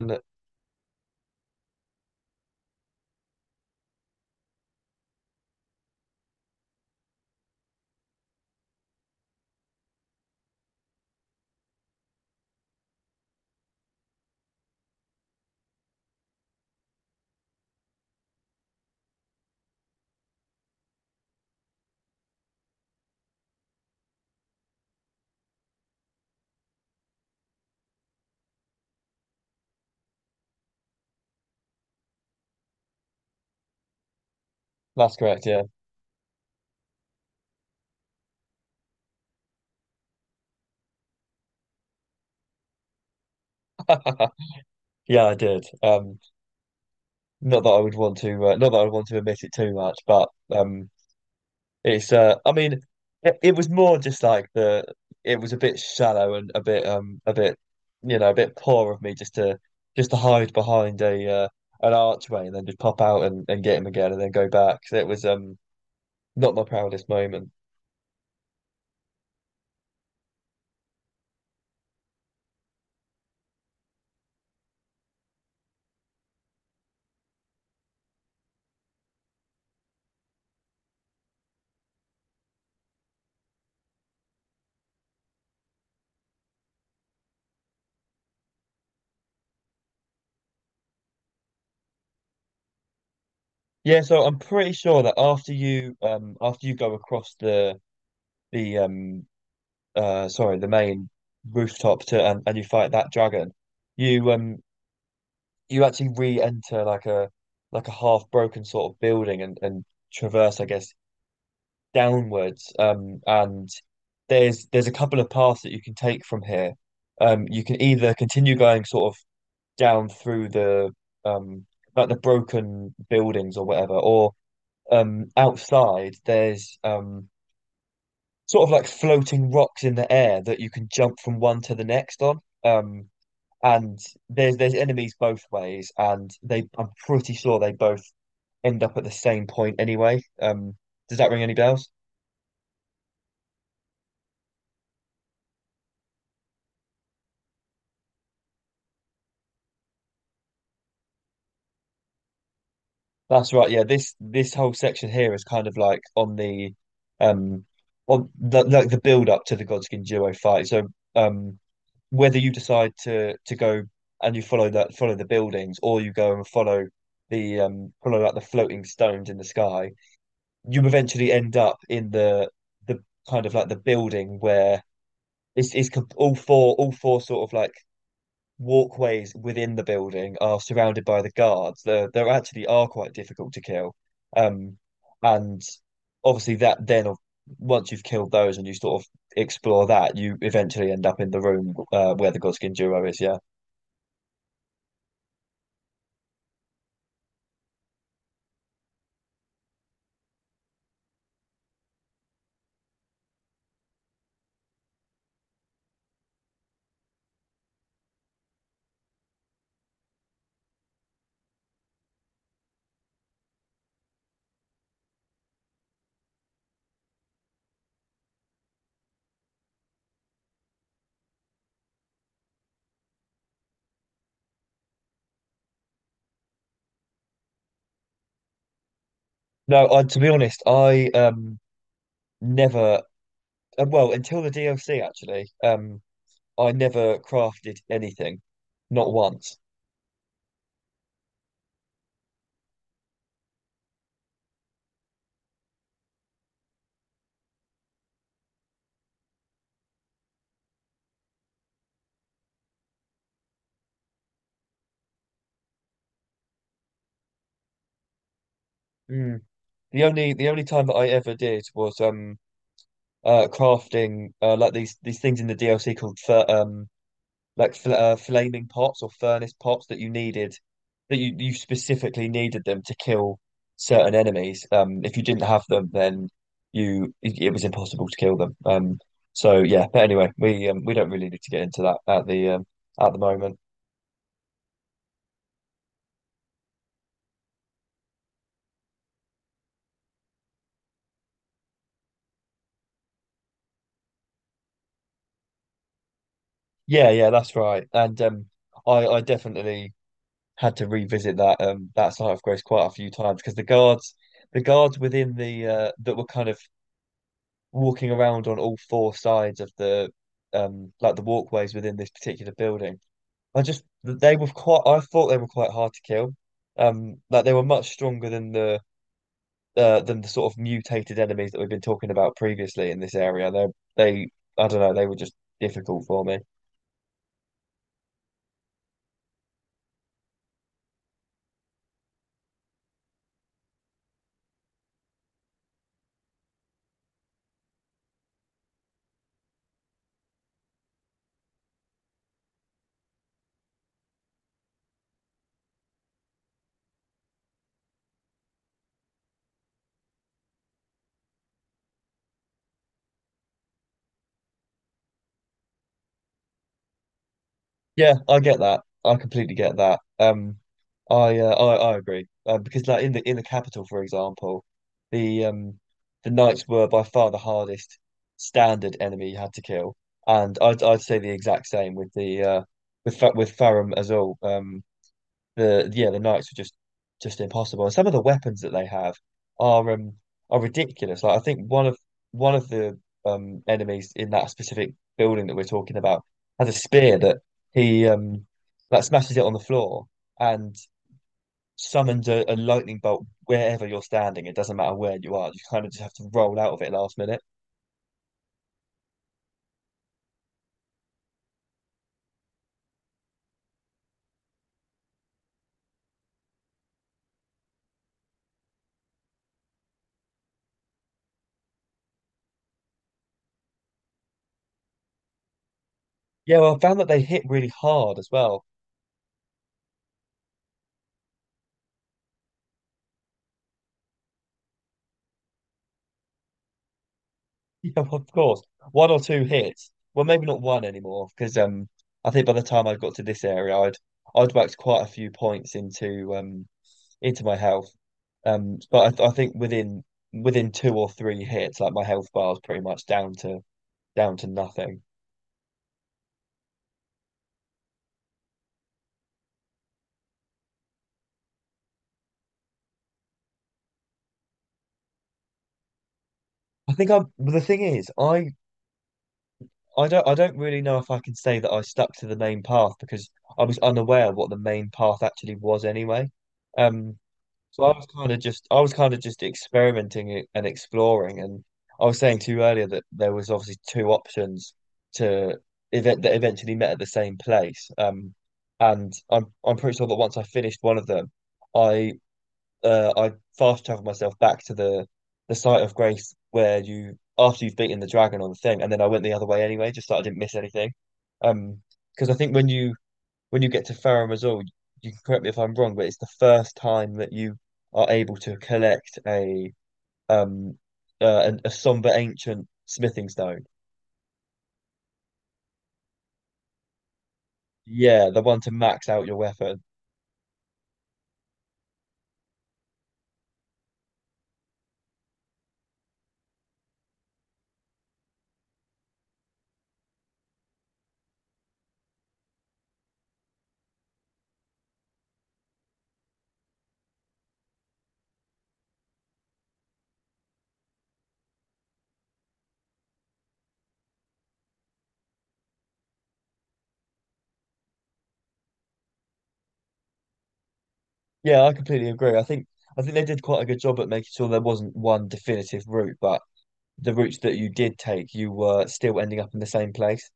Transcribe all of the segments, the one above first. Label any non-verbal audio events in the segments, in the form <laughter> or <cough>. N- That's correct, yeah. <laughs> Yeah, I did. Not that I would want to, not that I would want to admit it too much, but it's. I mean, it was more just like the. It was a bit shallow and a bit, a bit, a bit poor of me just to hide behind a an archway and then just pop out and get him again and then go back. So it was not my proudest moment. Yeah, so I'm pretty sure that after you go across the the um the main rooftop to and you fight that dragon, you um you actually re-enter like a half broken sort of building and traverse, I guess, downwards. And there's a couple of paths that you can take from here. You can either continue going sort of down through the um like the broken buildings or whatever, or outside there's sort of like floating rocks in the air that you can jump from one to the next on. Um, and there's enemies both ways, and they I'm pretty sure they both end up at the same point anyway. Does that ring any bells? That's right. Yeah, this whole section here is kind of like um on the, like the build up to the Godskin duo fight. So um whether you decide to go and you follow the buildings or you go and follow the follow like the floating stones in the sky, you eventually end up in the kind of like the building where it's all four sort of like walkways within the building are surrounded by the guards. They actually are quite difficult to kill. Um, and obviously that then of once you've killed those and you sort of explore that, you eventually end up in the room where the Godskin duo is. Yeah. No, to be honest, I never well until the DLC actually I never crafted anything, not once. Mm. The only time that I ever did was crafting like these things in the DLC called fir like fl flaming pots or furnace pots that you needed that you specifically needed them to kill certain enemies. If you didn't have them, then you it was impossible to kill them. So yeah, but anyway, we don't really need to get into that at the moment. Yeah, yeah, that's right. And I definitely had to revisit that site of grace quite a few times because the guards within the that were kind of walking around on all four sides of the like the walkways within this particular building. I just they were quite I thought they were quite hard to kill. Um, like they were much stronger than the sort of mutated enemies that we've been talking about previously in this area. They I don't know, they were just difficult for me. Yeah, I get that. I completely get that. I agree. Because like in the capital, for example, the um the knights were by far the hardest standard enemy you had to kill, and I'd say the exact same with the with Fa with Farum Azula. The knights are just impossible. And some of the weapons that they have are um are ridiculous. Like I think one of the enemies in that specific building that we're talking about has a spear that he that smashes it on the floor and summons a lightning bolt wherever you're standing. It doesn't matter where you are. You kind of just have to roll out of it last minute. Yeah, well, I found that they hit really hard as well. Yeah, of course. One or two hits. Well, maybe not one anymore, because I think by the time I got to this area, I'd whacked quite a few points into my health. But I think within within two or three hits, like my health bar is pretty much down to down to nothing. I think I'm. But The thing is, I don't really know if I can say that I stuck to the main path because I was unaware what the main path actually was anyway. Um, So I was kind of just I was kind of just experimenting and exploring, and I was saying to you earlier that there was obviously two options to eventually met at the same place. And I'm pretty sure that once I finished one of them, I I fast traveled myself back to the site of grace where you after you've beaten the dragon on the thing, and then I went the other way anyway, just so I didn't miss anything. Um, because I think when you get to Fareham as well, you can correct me if I'm wrong, but it's the first time that you are able to collect um a somber ancient smithing stone. Yeah, the one to max out your weapon. Yeah, I completely agree. I think they did quite a good job at making sure there wasn't one definitive route, but the routes that you did take, you were still ending up in the same place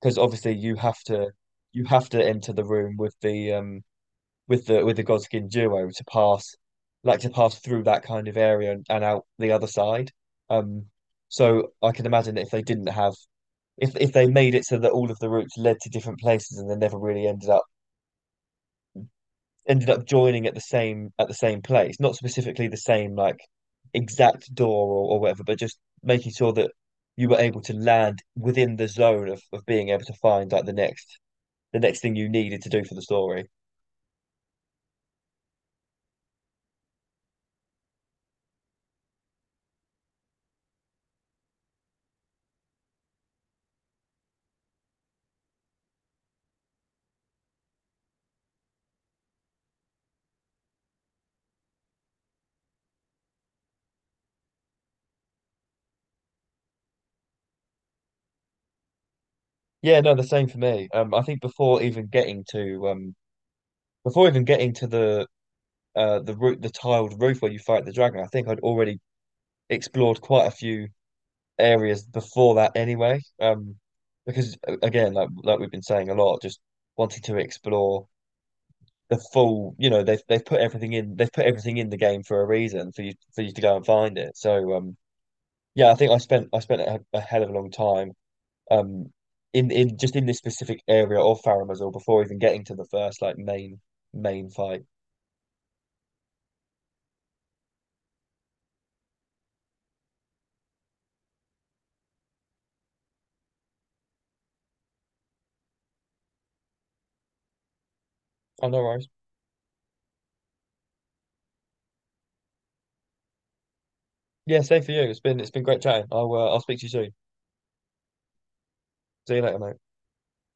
because obviously you have to enter the room with the with the Godskin duo to pass, like to pass through that kind of area and out the other side. Um, so I can imagine that if they didn't have if they made it so that all of the routes led to different places and they never really ended up joining at the same place, not specifically the same like exact door or whatever, but just making sure that you were able to land within the zone of being able to find like the next thing you needed to do for the story. Yeah, no, the same for me. I think before even getting to before even getting to the roof, the tiled roof where you fight the dragon, I think I'd already explored quite a few areas before that anyway. Because again, like we've been saying a lot, just wanting to explore the full, you know, they've put everything in, they've put everything in the game for a reason for you to go and find it. So yeah, I think I spent a hell of a long time um in just in this specific area of Faramazor before even getting to the first like main main fight. Oh no worries. Yeah, same for you. It's been great chatting. I'll speak to you soon. See you later, mate.